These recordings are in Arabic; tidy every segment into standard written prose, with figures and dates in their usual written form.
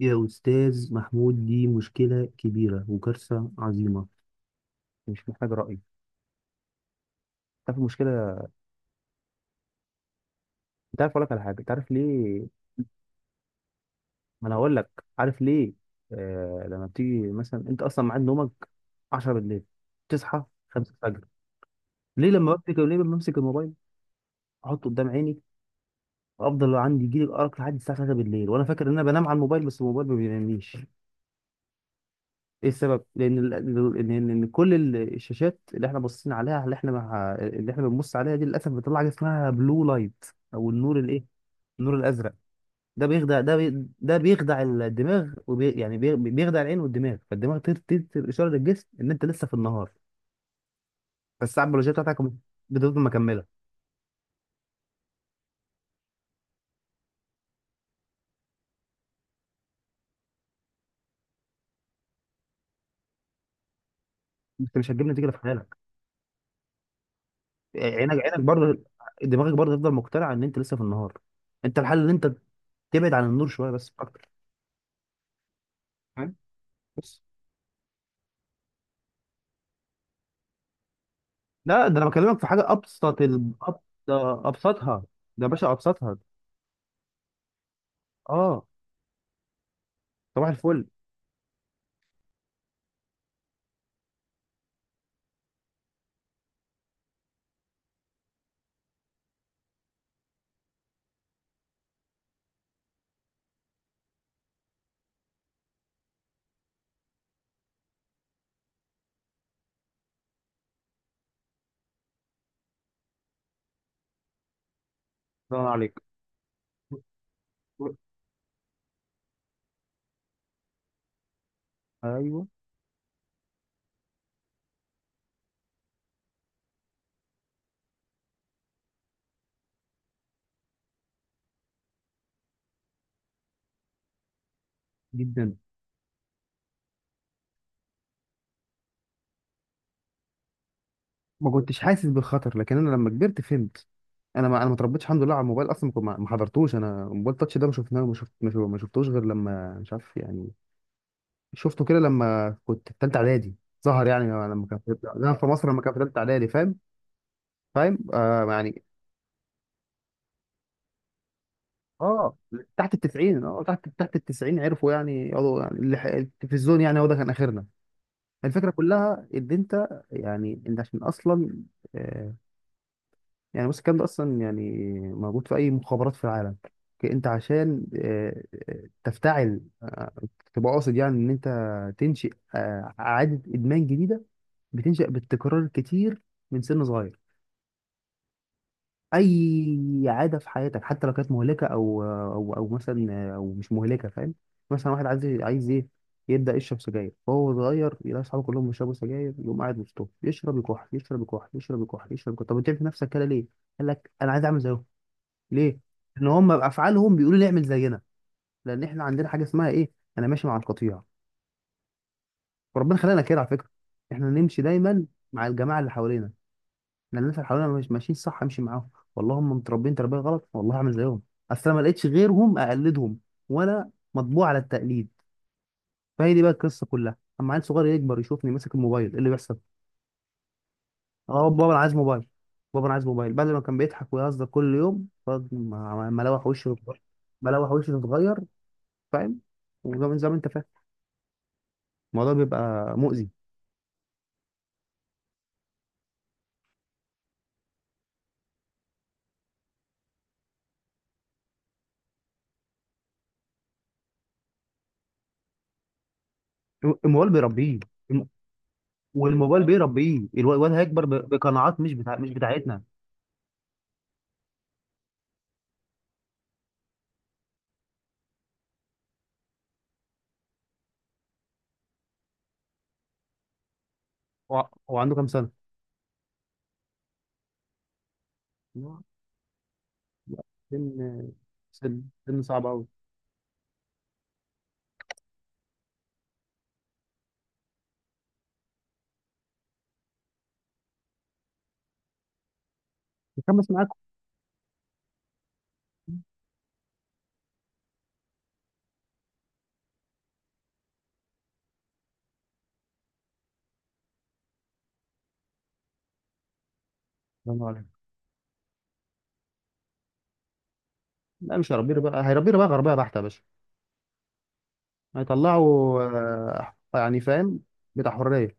يا أستاذ محمود، دي مشكلة كبيرة وكارثة عظيمة. مش محتاج رأي. تعرف المشكلة؟ انت عارف اقول لك على حاجة؟ تعرف ليه؟ ما انا هقول لك. عارف ليه؟ لما بتيجي مثلا انت اصلا ميعاد نومك 10 بالليل، تصحى 5 الفجر. ليه لما بمسك الموبايل، احطه قدام عيني، افضل عندي يجي لي الارق لحد الساعة 3 بالليل وانا فاكر ان انا بنام على الموبايل، بس الموبايل ما بينامنيش. ايه السبب؟ ان ان إن كل الشاشات اللي احنا باصين عليها، اللي احنا بنبص عليها دي للاسف بتطلع حاجه اسمها بلو لايت، او النور الايه، النور الازرق. ده بيخدع الدماغ، وبي يعني بي بيخدع العين والدماغ، فالدماغ تدي اشاره للجسم ان انت لسه في النهار، فالساعه البيولوجيه بتاعتك بتفضل مكمله. انت مش هتجيب نتيجه في خيالك. عينك برضه، دماغك برضه تفضل مقتنعه ان انت لسه في النهار. انت الحل ان انت تبعد عن النور شويه بس مش اكتر. فاهم؟ بس. لا، ده انا بكلمك في حاجه ابسط. ده ابسطها، ده يا باشا ابسطها. اه. صباح الفل. سلام عليك. ايوه. جدا. ما كنتش حاسس بالخطر، لكن انا لما كبرت فهمت. انا ما اتربيتش الحمد لله على الموبايل اصلا. ما حضرتوش انا موبايل تاتش. ده ما شفناه ما شفت ما شف- ما شفتوش غير لما مش عارف يعني، شفته كده لما كنت في ثالثه اعدادي. ظهر يعني، لما في مصر لما كان في ثالثه اعدادي. فاهم؟ فاهم؟ اه. تحت التسعين عرفوا يعني يقعدوا يعني التلفزيون يعني هو ده كان اخرنا. الفكره كلها ان انت يعني انت عشان اصلا آه يعني. بص، الكلام ده اصلا يعني موجود في اي مخابرات في العالم. انت عشان تفتعل، تبقى قاصد يعني ان انت تنشئ عاده ادمان جديده، بتنشأ بالتكرار الكتير من سن صغير. اي عاده في حياتك حتى لو كانت مهلكه او مثلا، او مش مهلكه، فاهم؟ مثلا واحد عايز ايه، يبدا يشرب سجاير. فهو صغير يلاقي اصحابه كلهم بيشربوا سجاير، يقوم قاعد وسطهم يشرب يكح، يشرب يكح، يشرب يكح، يشرب يكح. طب انت في نفسك كده ليه؟ قال لك انا عايز اعمل زيهم. ليه؟ ان هم بافعالهم بيقولوا لي اعمل زينا، لان احنا عندنا حاجه اسمها ايه، انا ماشي مع القطيع. وربنا خلقنا كده على فكره، احنا نمشي دايما مع الجماعه اللي حوالينا. انا الناس اللي حوالينا مش ماشيين صح، امشي معاهم. والله هم متربيين تربيه غلط، والله هعمل زيهم. اصل انا ما لقيتش غيرهم اقلدهم، وانا مطبوع على التقليد. فهي دي بقى القصه كلها، اما عيل صغير يكبر يشوفني ماسك الموبايل، ايه اللي بيحصل؟ اه، بابا انا عايز موبايل. بابا انا عايز موبايل. بدل ما كان بيضحك ويهزر كل يوم، ملوح وشه اتغير. ملوح وشه اتغير. فاهم؟ وزي ما زي ما انت فاهم، الموضوع بيبقى مؤذي. الموبايل بيربيه. الم- والموبايل بيربيه. الواد هيكبر بقناعات مش بتاعتنا. هو عنده كام سنه؟ سن سن سن صعب قوي. يخمس معاكم. الله ينور عليك. لا، مش هيربيه بقى، هيربيه بقى غربيه بحته يا باشا. هيطلعوا، فاهم، بتاع حريه.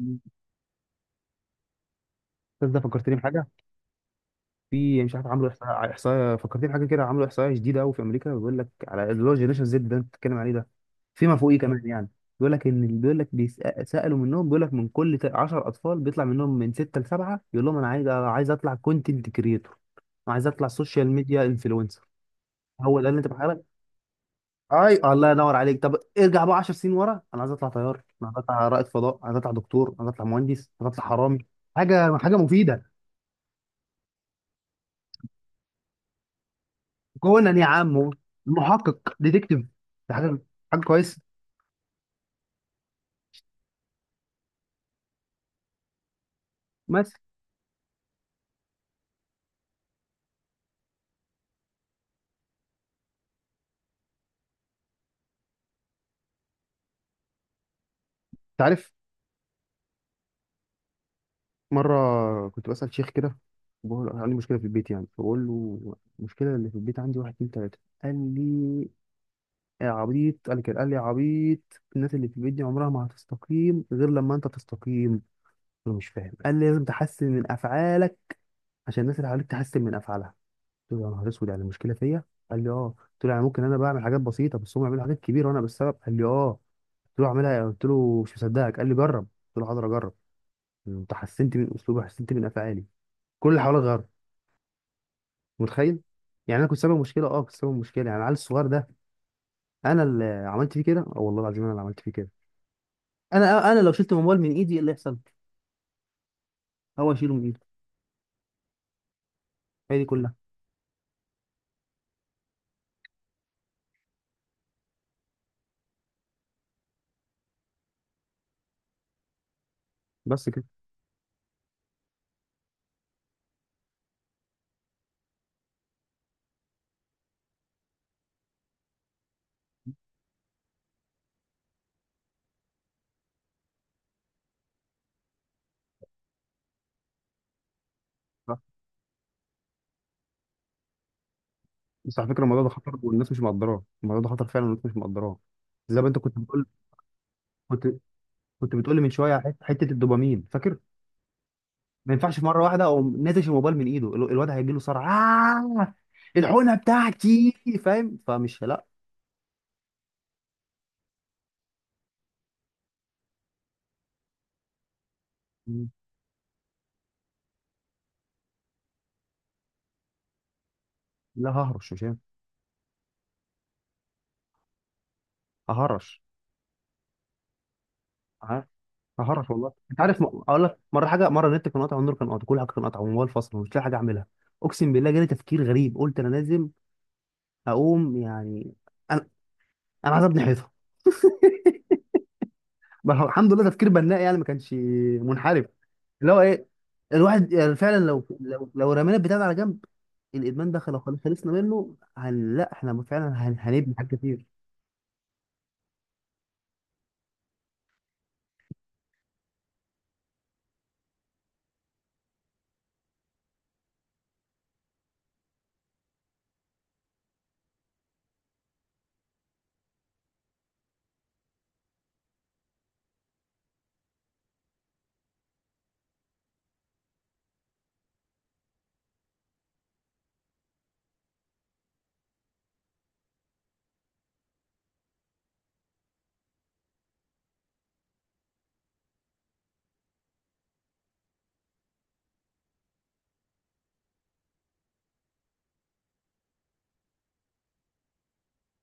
الأستاذ. ده فكرتني بحاجه. في يعني مش عارف، عملوا احصاء، فكرتني بحاجه كده، عملوا احصاء جديده قوي في امريكا. بيقول لك على اللي هو جينيشن زد ده انت بتتكلم عليه ده، فيما فوقيه كمان يعني. بيقول لك سالوا منهم، بيقول لك من كل 10 اطفال بيطلع منهم من 6 لسبعه يقول لهم انا عايز اطلع كونتنت كريتور، عايز اطلع سوشيال ميديا انفلونسر. هو ده اللي انت بحاجه. اي الله ينور عليك. طب ارجع بقى 10 سنين ورا، انا عايز اطلع طيار، انا عايز اطلع رائد فضاء، عايز اطلع دكتور، عايز اطلع مهندس، عايز اطلع حرامي. حاجه، حاجه مفيده. كونان يا عم، محقق ديتكتيف. ده حاجه، حاجه كويسه. بس انت عارف، مره كنت بسال شيخ كده، بقول له عندي مشكله في البيت يعني. فبقول له المشكله اللي في البيت عندي واحد اتنين تلاته. قال لي يا عبيط. قال لي كده، قال لي يا عبيط الناس اللي في البيت دي عمرها ما هتستقيم غير لما انت تستقيم. انا مش فاهم. قال لي لازم تحسن من افعالك عشان الناس اللي حواليك تحسن من افعالها. قلت له يا نهار اسود، يعني المشكله فيا؟ قال لي اه. قلت له يعني ممكن انا بعمل حاجات بسيطه بس هم بيعملوا حاجات كبيره وانا بالسبب؟ قال لي اه. قلت له اعملها يعني؟ قلت له مش مصدقك. قال لي جرب. قلت له حاضر اجرب. انت حسنت من اسلوبي، حسنت من افعالي، كل اللي حواليا غير. متخيل؟ يعني انا كنت سبب مشكله. اه كنت سبب مشكله يعني العيل الصغير ده انا اللي عملت فيه كده. اه والله العظيم انا اللي عملت فيه كده. انا لو شلت الموبايل من ايدي ايه اللي يحصل؟ هو يشيله من ايده. هي دي كلها. بس كده. بس على فكره الموضوع ده خطر والناس مش مقدراه. الموضوع ده خطر فعلا والناس مش مقدراه. زي ما انت كنت بتقول، كنت كنت بتقولي من شويه على حته الدوبامين، فاكر؟ ما ينفعش في مره واحده اقوم ناتش الموبايل من ايده، الواد هيجي له صرع. آه، الحقنه بتاعتي، فاهم؟ لا، لا، ههرش مش هينفع. ههرش. ه- ههرش والله. انت عارف، اقول لك مره حاجه، مره النت كان قاطع، النور كان قاطع، كل حاجه كان قاطع، والموبايل فاصل، ومش لاقي حاجه اعملها. اقسم بالله جالي تفكير غريب. قلت انا لازم اقوم يعني. انا انا عايز ابني حيطه. ما هو الحمد لله تفكير بناء يعني، ما كانش منحرف. اللي هو ايه، الواحد يعني فعلا لو رمينا البتاع ده على جنب، الادمان ده لو خلصنا منه، هن لا احنا فعلا هنبني حاجات كتير.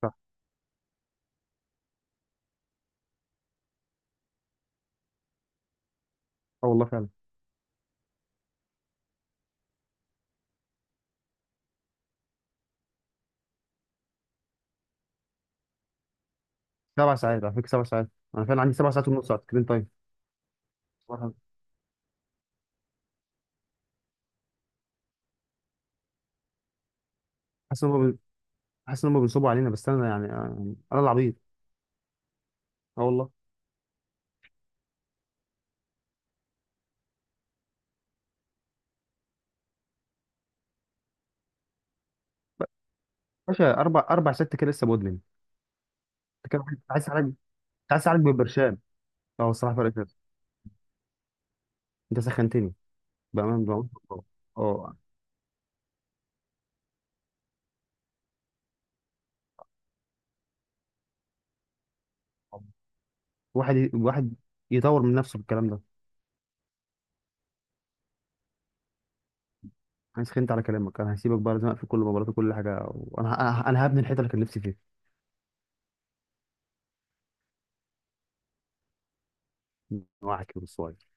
صح. اه والله فعلا. سبع ساعات على فكره، سبع ساعات. انا فعلا عندي سبع ساعات ونص على سكرين تايم. سبحان الله. حاسس ان هم بي- حاسس ان هم بينصبوا علينا، بس انا يعني انا العبيط. اه والله. باشا اربع اربع ست كده لسه مدمن. انت كده عايز حاجه، عايز حاجه بالبرشام. اه الصراحه فرقت. انت سخنتني. بامان بامان. اه. آه. واحد يطور من نفسه في الكلام ده. انا سخنت على كلامك، انا هسيبك بقى، لازم اقفل كل مباراتي وكل حاجه، وانا انا أنا هبني الحته اللي كان نفسي فيها. واحد كده بس.